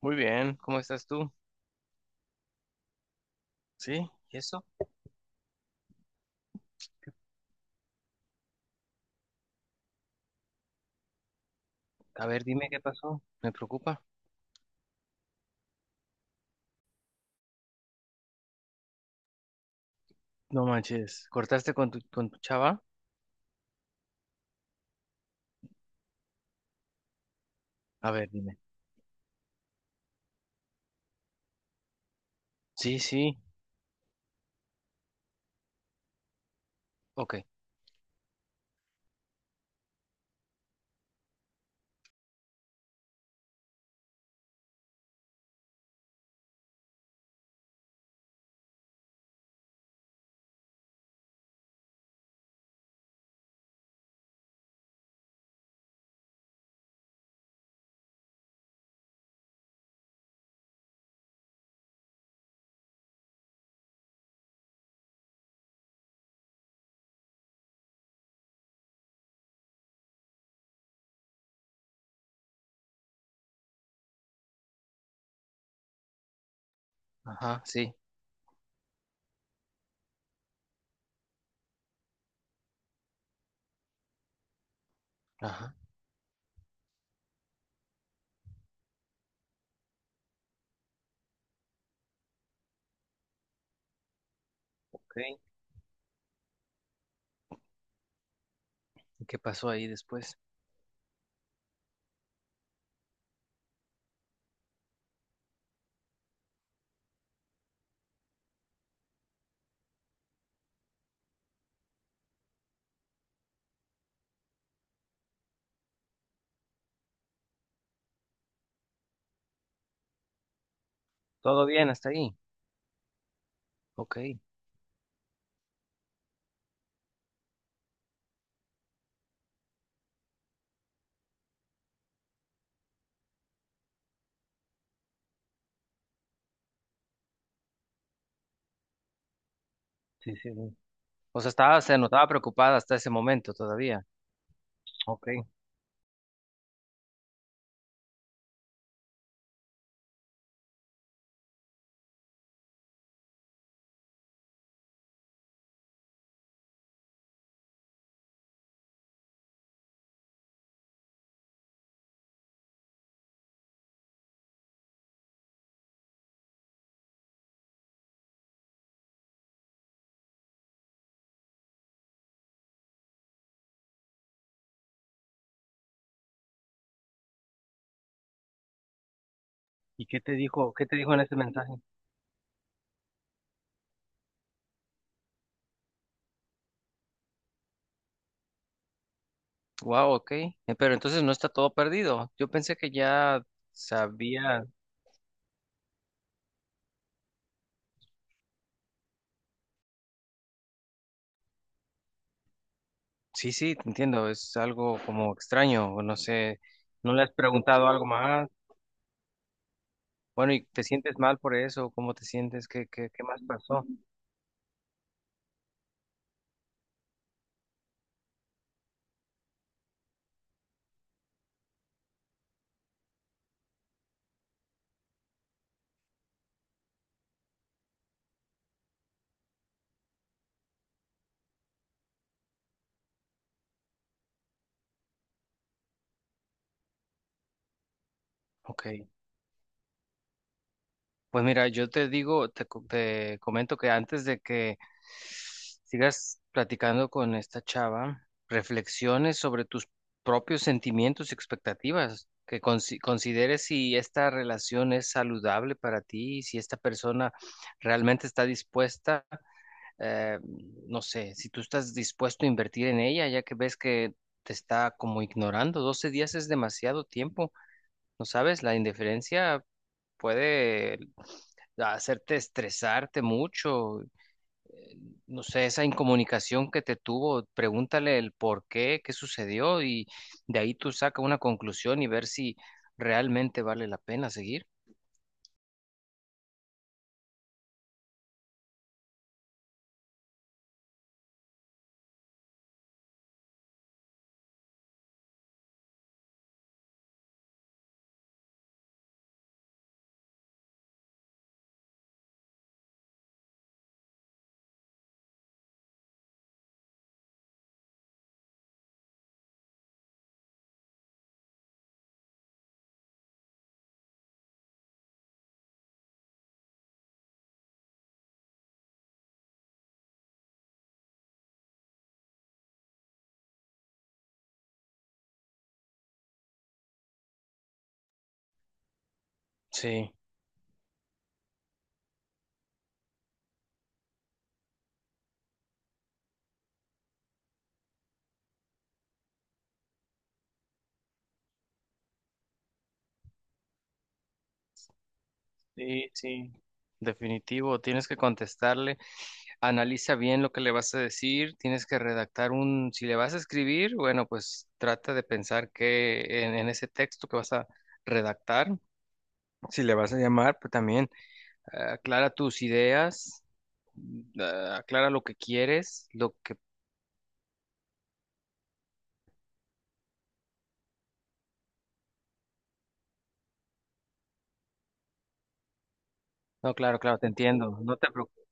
Muy bien, ¿cómo estás tú? ¿Sí? ¿Y eso? A ver, dime qué pasó. Me preocupa. No manches. ¿Cortaste con tu chava? A ver, dime. Sí, sí. Ok. Ajá, sí. Ajá. Ok. ¿Y qué pasó ahí después? ¿Todo bien hasta ahí? Ok. Sí, sí. Sí. O sea, estaba, se notaba preocupada hasta ese momento todavía. Ok. ¿Y ¿Qué te dijo en ese mensaje? Wow, ok. Pero entonces no está todo perdido. Yo pensé que ya sabía. Sí, sí, te entiendo, es algo como extraño, o no sé, no le has preguntado algo más. Bueno, ¿y te sientes mal por eso? ¿Cómo te sientes? ¿Qué más pasó? Ok, pues mira, yo te digo, te comento que antes de que sigas platicando con esta chava, reflexiones sobre tus propios sentimientos y expectativas, que consideres si esta relación es saludable para ti, si esta persona realmente está dispuesta. eh, no sé, si tú estás dispuesto a invertir en ella, ya que ves que te está como ignorando, 12 días es demasiado tiempo, ¿no sabes? La indiferencia puede hacerte estresarte mucho. eh, no sé, esa incomunicación que te tuvo, pregúntale el por qué, qué sucedió, y de ahí tú saca una conclusión y ver si realmente vale la pena seguir. Sí, sí, sí. Definitivo, tienes que contestarle. Analiza bien lo que le vas a decir, tienes que redactar si le vas a escribir, bueno, pues trata de pensar que en ese texto que vas a redactar, si le vas a llamar, pues también, aclara tus ideas. Aclara lo que quieres, lo que... No, claro, claro, te entiendo, no te preocupes.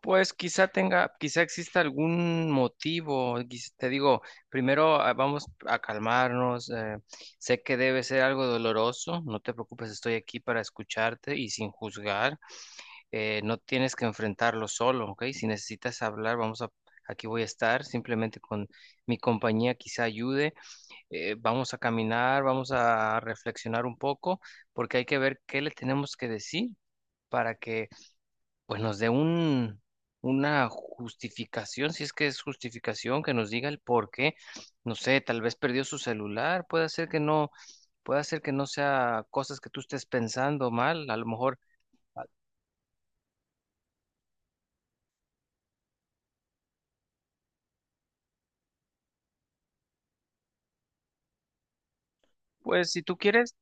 Pues quizá tenga, quizá exista algún motivo. Te digo, primero, vamos a calmarnos. Sé que debe ser algo doloroso. No te preocupes, estoy aquí para escucharte y sin juzgar. No tienes que enfrentarlo solo, ¿ok? Si necesitas hablar, aquí voy a estar. Simplemente con mi compañía quizá ayude. Vamos a caminar, vamos a reflexionar un poco, porque hay que ver qué le tenemos que decir, para que pues nos dé una justificación, si es que es justificación, que nos diga el por qué. No sé, tal vez perdió su celular, puede ser que no, puede ser que no sea cosas que tú estés pensando mal, a lo mejor. ah, pues si tú quieres,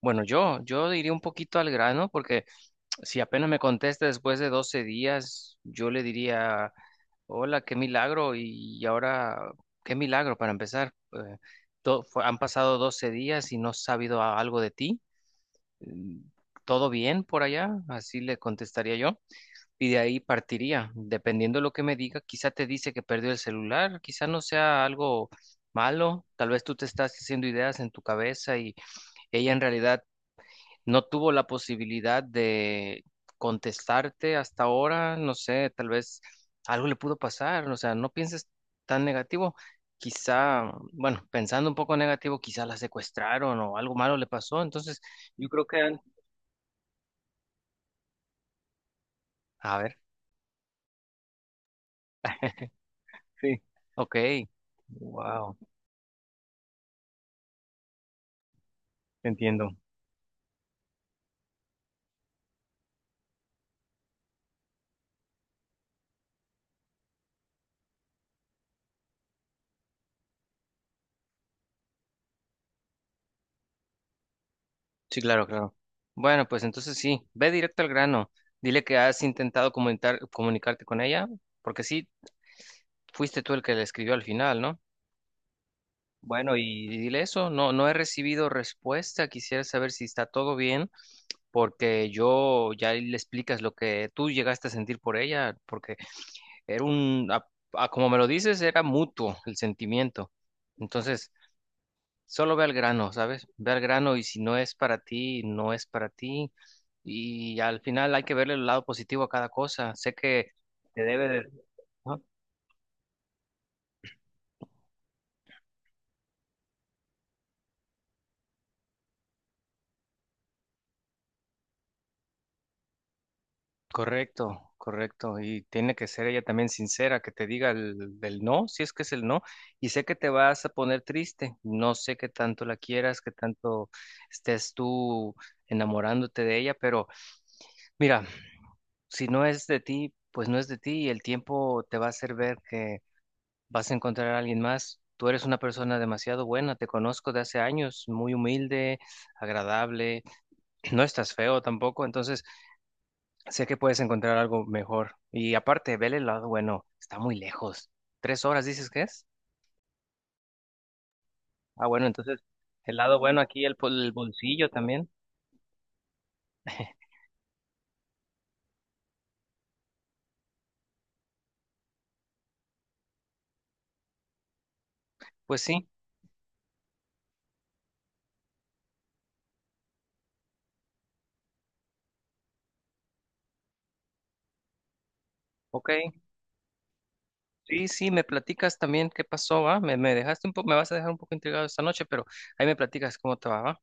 bueno, yo iría un poquito al grano, porque si apenas me contesta después de 12 días, yo le diría, hola, qué milagro, y ahora, qué milagro para empezar. Han pasado 12 días y no has sabido algo de ti. mm, ¿Todo bien por allá? Así le contestaría yo. Y de ahí partiría. Dependiendo de lo que me diga, quizá te dice que perdió el celular, quizá no sea algo malo. Tal vez tú te estás haciendo ideas en tu cabeza y ella en realidad no tuvo la posibilidad de contestarte hasta ahora. No sé, tal vez algo le pudo pasar. O sea, no pienses tan negativo. Quizá, bueno, pensando un poco negativo, quizá la secuestraron o algo malo le pasó. Entonces, yo creo que... A ver. Sí, ok, wow, entiendo. Sí, claro, claro. Bueno, pues entonces sí, ve directo al grano. Dile que has intentado comunicarte con ella, porque sí, fuiste tú el que le escribió al final, ¿no? Bueno, y dile eso, no, no he recibido respuesta, quisiera saber si está todo bien, porque, yo ya le explicas lo que tú llegaste a sentir por ella, porque era como me lo dices, era mutuo el sentimiento. Entonces, solo ve al grano, ¿sabes? Ve al grano, y si no es para ti, no es para ti. Y al final hay que verle el lado positivo a cada cosa. Sé que te debe de... Ah, Correcto, correcto. Y tiene que ser ella también sincera, que te diga del no, si es que es el no. Y sé que te vas a poner triste. No sé qué tanto la quieras, qué tanto estés tú enamorándote de ella, pero mira, si no es de ti, pues no es de ti, y el tiempo te va a hacer ver que vas a encontrar a alguien más. Tú eres una persona demasiado buena, te conozco de hace años, muy humilde, agradable, no estás feo tampoco, entonces sé que puedes encontrar algo mejor. Y aparte, vele el lado bueno, está muy lejos. ¿3 horas dices que es? Bueno, entonces el lado bueno aquí, el bolsillo también. Pues sí, ok. Sí, sí, me platicas también qué pasó, ¿va? Me dejaste un poco, me vas a dejar un poco intrigado esta noche, pero ahí me platicas cómo te va, ¿va?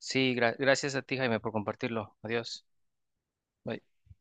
Sí, gracias a ti, Jaime, por compartirlo. Adiós. Bye.